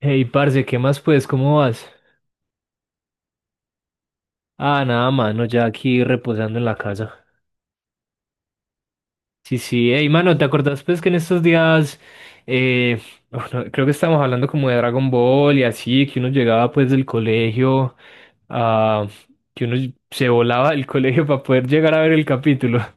Hey, parce, ¿qué más pues? ¿Cómo vas? Ah, nada, mano, ya aquí reposando en la casa. Sí, sí, hey, mano, ¿te acordás pues que en estos días, eh, bueno, creo que estábamos hablando como de Dragon Ball y así, que uno llegaba pues del colegio, ah, que uno se volaba del colegio para poder llegar a ver el capítulo?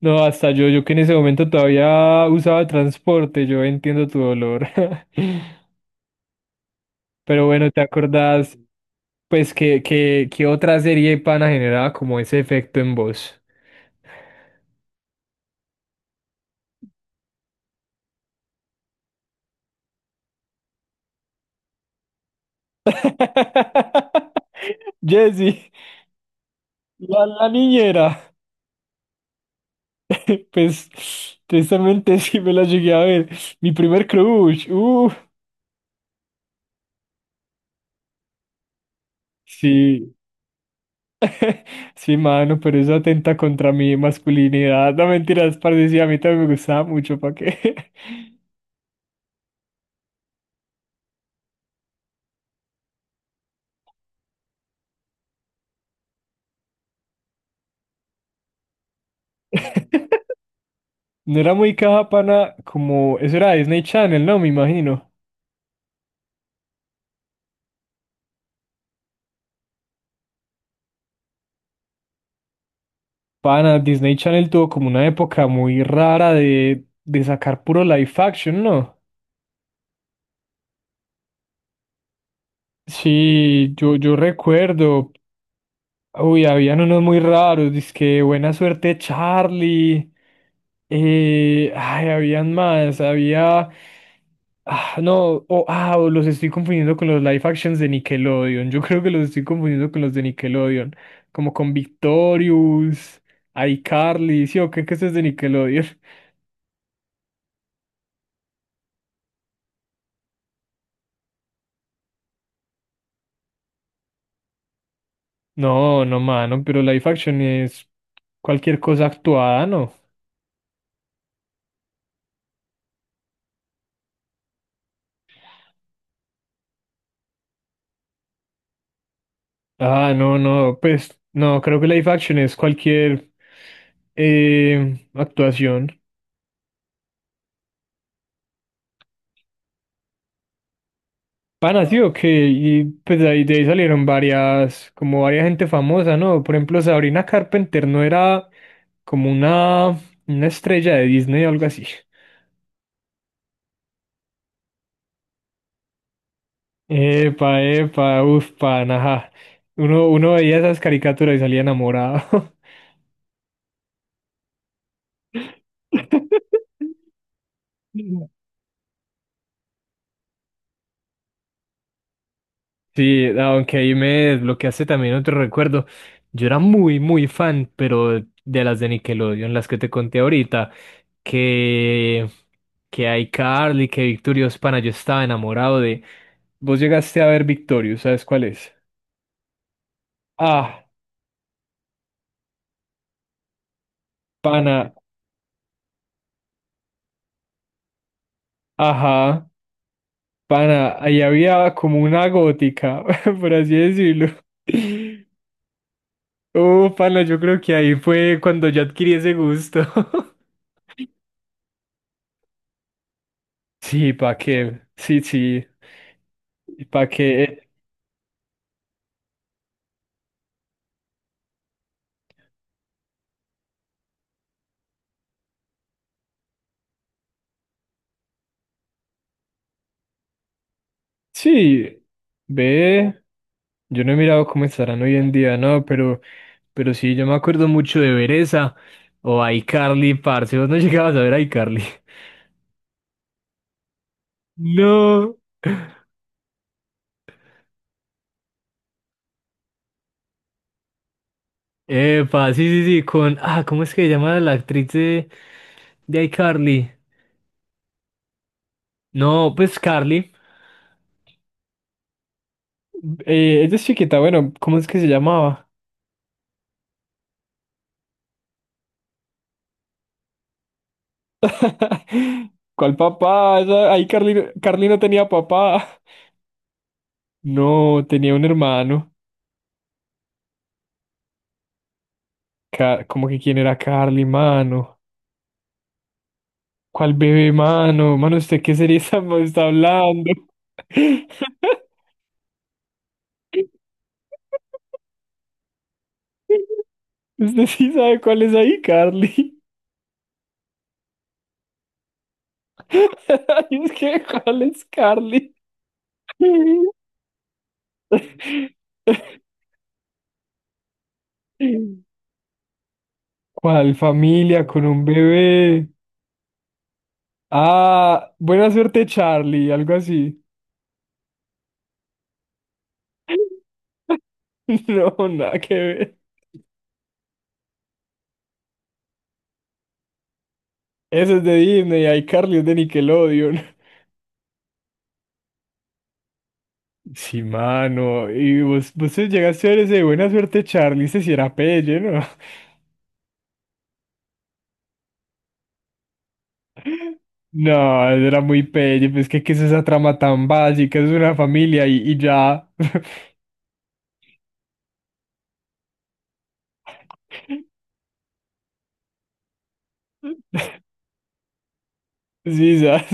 No, hasta yo que en ese momento todavía usaba transporte, yo entiendo tu dolor. Pero bueno, ¿te acordás? Pues, ¿qué otra serie pana generaba como ese efecto en vos? Jesse, la niñera. Pues, tristemente sí me la llegué a ver. Mi primer crush. Sí, sí, mano, pero eso atenta contra mi masculinidad. No mentiras, parce, sí, a mí también me gustaba mucho, ¿para qué? No era muy caja, pana, como Eso era Disney Channel, ¿no? Me imagino. Pana, Disney Channel tuvo como una época muy rara de sacar puro live action, ¿no? Sí, yo recuerdo, uy, habían unos muy raros, dizque Buena Suerte Charlie, habían más, había, ah, no, o, ah, o los estoy confundiendo con los live actions de Nickelodeon, yo creo que los estoy confundiendo con los de Nickelodeon, como con Victorious, iCarly, sí, ¿qué eso es de Nickelodeon? No, no, mano, pero live action es cualquier cosa actuada, ¿no? Ah, no, no, pues no, creo que live action es cualquier actuación. Pana, sí, ok, y pues de ahí salieron varias, como varias gente famosa, ¿no? Por ejemplo, Sabrina Carpenter no era como una estrella de Disney o algo así. Epa, epa, uf, pana, ajá. Uno veía esas caricaturas y salía enamorado. Sí, aunque ahí me desbloqueaste también otro recuerdo. Yo era muy, muy fan, pero de las de Nickelodeon, las que te conté ahorita, que, que iCarly, que Victorious Pana, yo estaba enamorado de Vos llegaste a ver Victorious, ¿sabes cuál es? Ah, pana, ajá, pana, ahí había como una gótica, por así decirlo. Oh, pana, yo creo que ahí fue cuando yo adquirí ese gusto. Sí, ¿para qué? Sí, sí. ¿Para qué? Sí, ve. Yo no he mirado cómo estarán hoy en día, no, pero sí, yo me acuerdo mucho de ver esa o iCarly, parce. Vos no llegabas a ver iCarly. No. Epa, sí, sí, sí, con. Ah, ¿cómo es que se llama la actriz de iCarly? No, pues Carly. Ella es chiquita, bueno, ¿cómo es que se llamaba? ¿Cuál papá? Esa Ahí Carly, Carly no tenía papá. No, tenía un hermano. Ca- ¿Cómo que quién era Carly, mano? ¿Cuál bebé, mano? Mano, ¿usted qué serie está hablando? Usted sí sabe cuál es ahí, Carly. Ay, es que, ¿cuál es Carly? ¿Cuál familia con un bebé? Ah, buena suerte, Charlie, algo así. No, nada que ver. Eso es de Disney, hay Carly es de Nickelodeon. Sí, mano. Y vos, vos te llegaste a ver ese de buena suerte, Charlie, ese sí era pelle, ¿no? No, eso era muy pelle, pues que es esa trama tan básica, es una familia y ya. Sí, ¿sabes?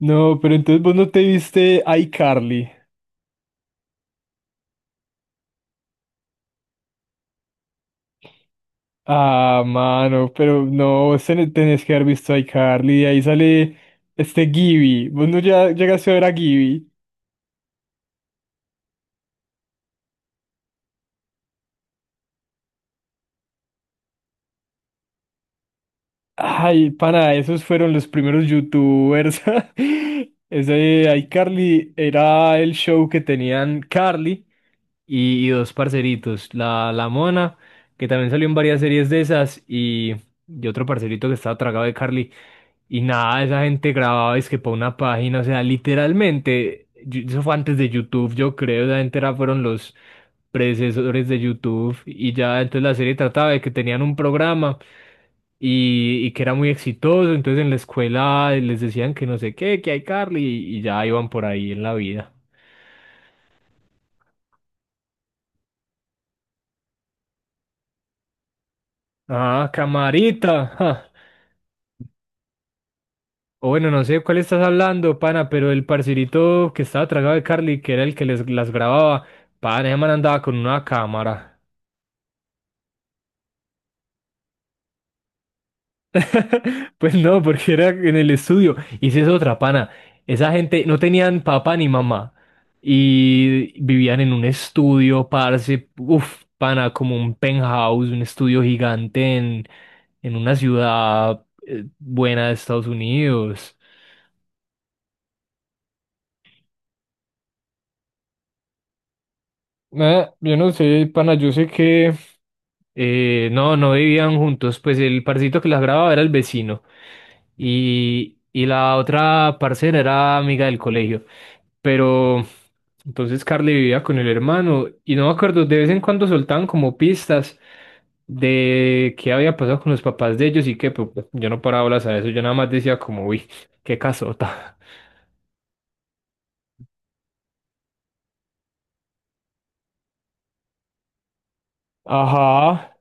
No, pero entonces vos no te viste iCarly. Ah, mano, pero no, vos tenés que haber visto a iCarly, y ahí sale este Gibby, vos no ya llegaste a ver a Gibby. Ay, pana, esos fueron los primeros youtubers. Ese iCarly era el show que tenían Carly y dos parceritos, la Mona, que también salió en varias series de esas, y otro parcerito que estaba tragado de Carly. Y nada, esa gente grababa es que para una página, o sea, literalmente, eso fue antes de YouTube, yo creo, fueron los predecesores de YouTube y ya entonces la serie trataba de que tenían un programa y que era muy exitoso, entonces en la escuela les decían que no sé qué, que hay Carly y ya iban por ahí en la vida. Ah, camarita. Ja. O bueno, no sé de cuál estás hablando, pana, pero el parcerito que estaba tragado de Carly, que era el que las grababa, pana, ese man andaba con una cámara. Pues no, porque era en el estudio. Y si es otra, pana, esa gente no tenían papá ni mamá. Y vivían en un estudio, parce, uff, pana, como un penthouse, un estudio gigante en una ciudad buena de Estados Unidos. Nada, yo no sé, pana, yo sé que no, no vivían juntos, pues el parcito que las grababa era el vecino y la otra parcera era amiga del colegio, pero entonces Carly vivía con el hermano y no me acuerdo, de vez en cuando soltaban como pistas de qué había pasado con los papás de ellos y que pues, yo no paraba bolas a eso, yo nada más decía como, uy, qué casota. Ajá.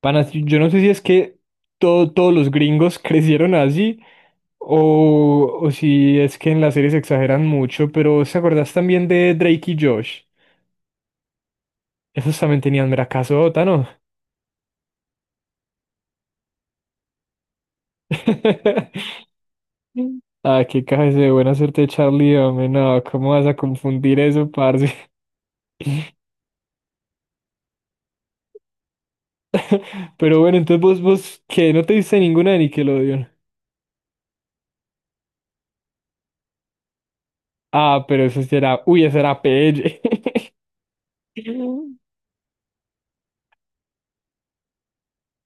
Panas, yo no sé si es que todos los gringos crecieron así o si es que en las series exageran mucho, pero ¿se acordás también de Drake y Josh? Esos también tenían mera casota, ¿no? Ah, qué cabeza de buena suerte, Charlie, hombre, no, ¿cómo vas a confundir eso, parce? Pero bueno, entonces vos, ¿qué? ¿No te diste ninguna de Nickelodeon? Ah, pero eso sí era, uy, eso era PL.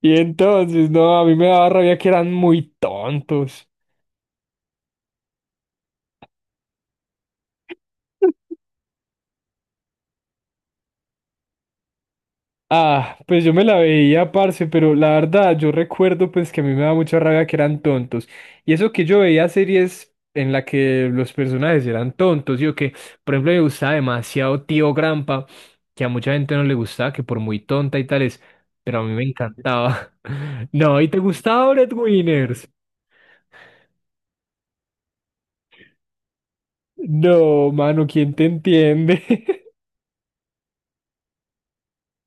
Y entonces, no, a mí me daba rabia que eran muy tontos. Ah, pues yo me la veía, parce, pero la verdad yo recuerdo pues que a mí me daba mucha rabia que eran tontos. Y eso que yo veía series en la que los personajes eran tontos, yo que, por ejemplo, me gustaba demasiado Tío Grampa, que a mucha gente no le gustaba, que por muy tonta y tales, pero a mí me encantaba. No, ¿y te gustaba Brett Winners? No, mano, ¿quién te entiende?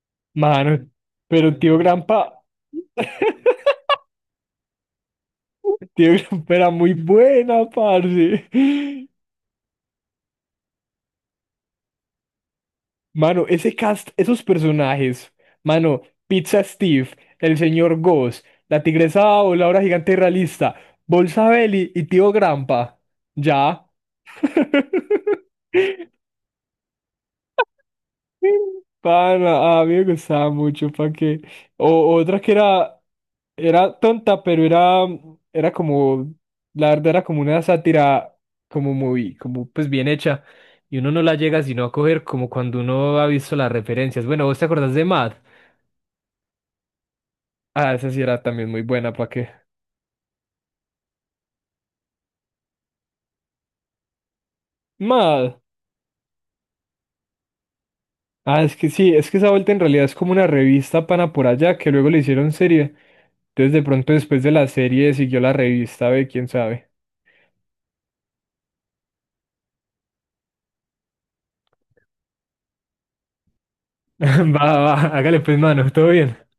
Mano, pero Tío Grampa era muy buena, parce. Mano, ese cast, esos personajes, mano, Pizza Steve, el señor Goss, la tigresa o la hora gigante realista, Bolsa Belly y tío Grampa. Ya. Para, a mí me gustaba mucho, para que. O otra que era tonta, pero era como, la verdad era como una sátira, como muy, como pues bien hecha. Y uno no la llega sino a coger como cuando uno ha visto las referencias. Bueno, ¿vos te acordás de Mad? Ah, esa sí era también muy buena, ¿para qué? Mad. Ah, es que sí, es que esa vuelta en realidad es como una revista pana por allá que luego le hicieron serie. Entonces de pronto después de la serie siguió la revista, ve, quién sabe. Va, va, acá les pedí manos, ¿todo bien?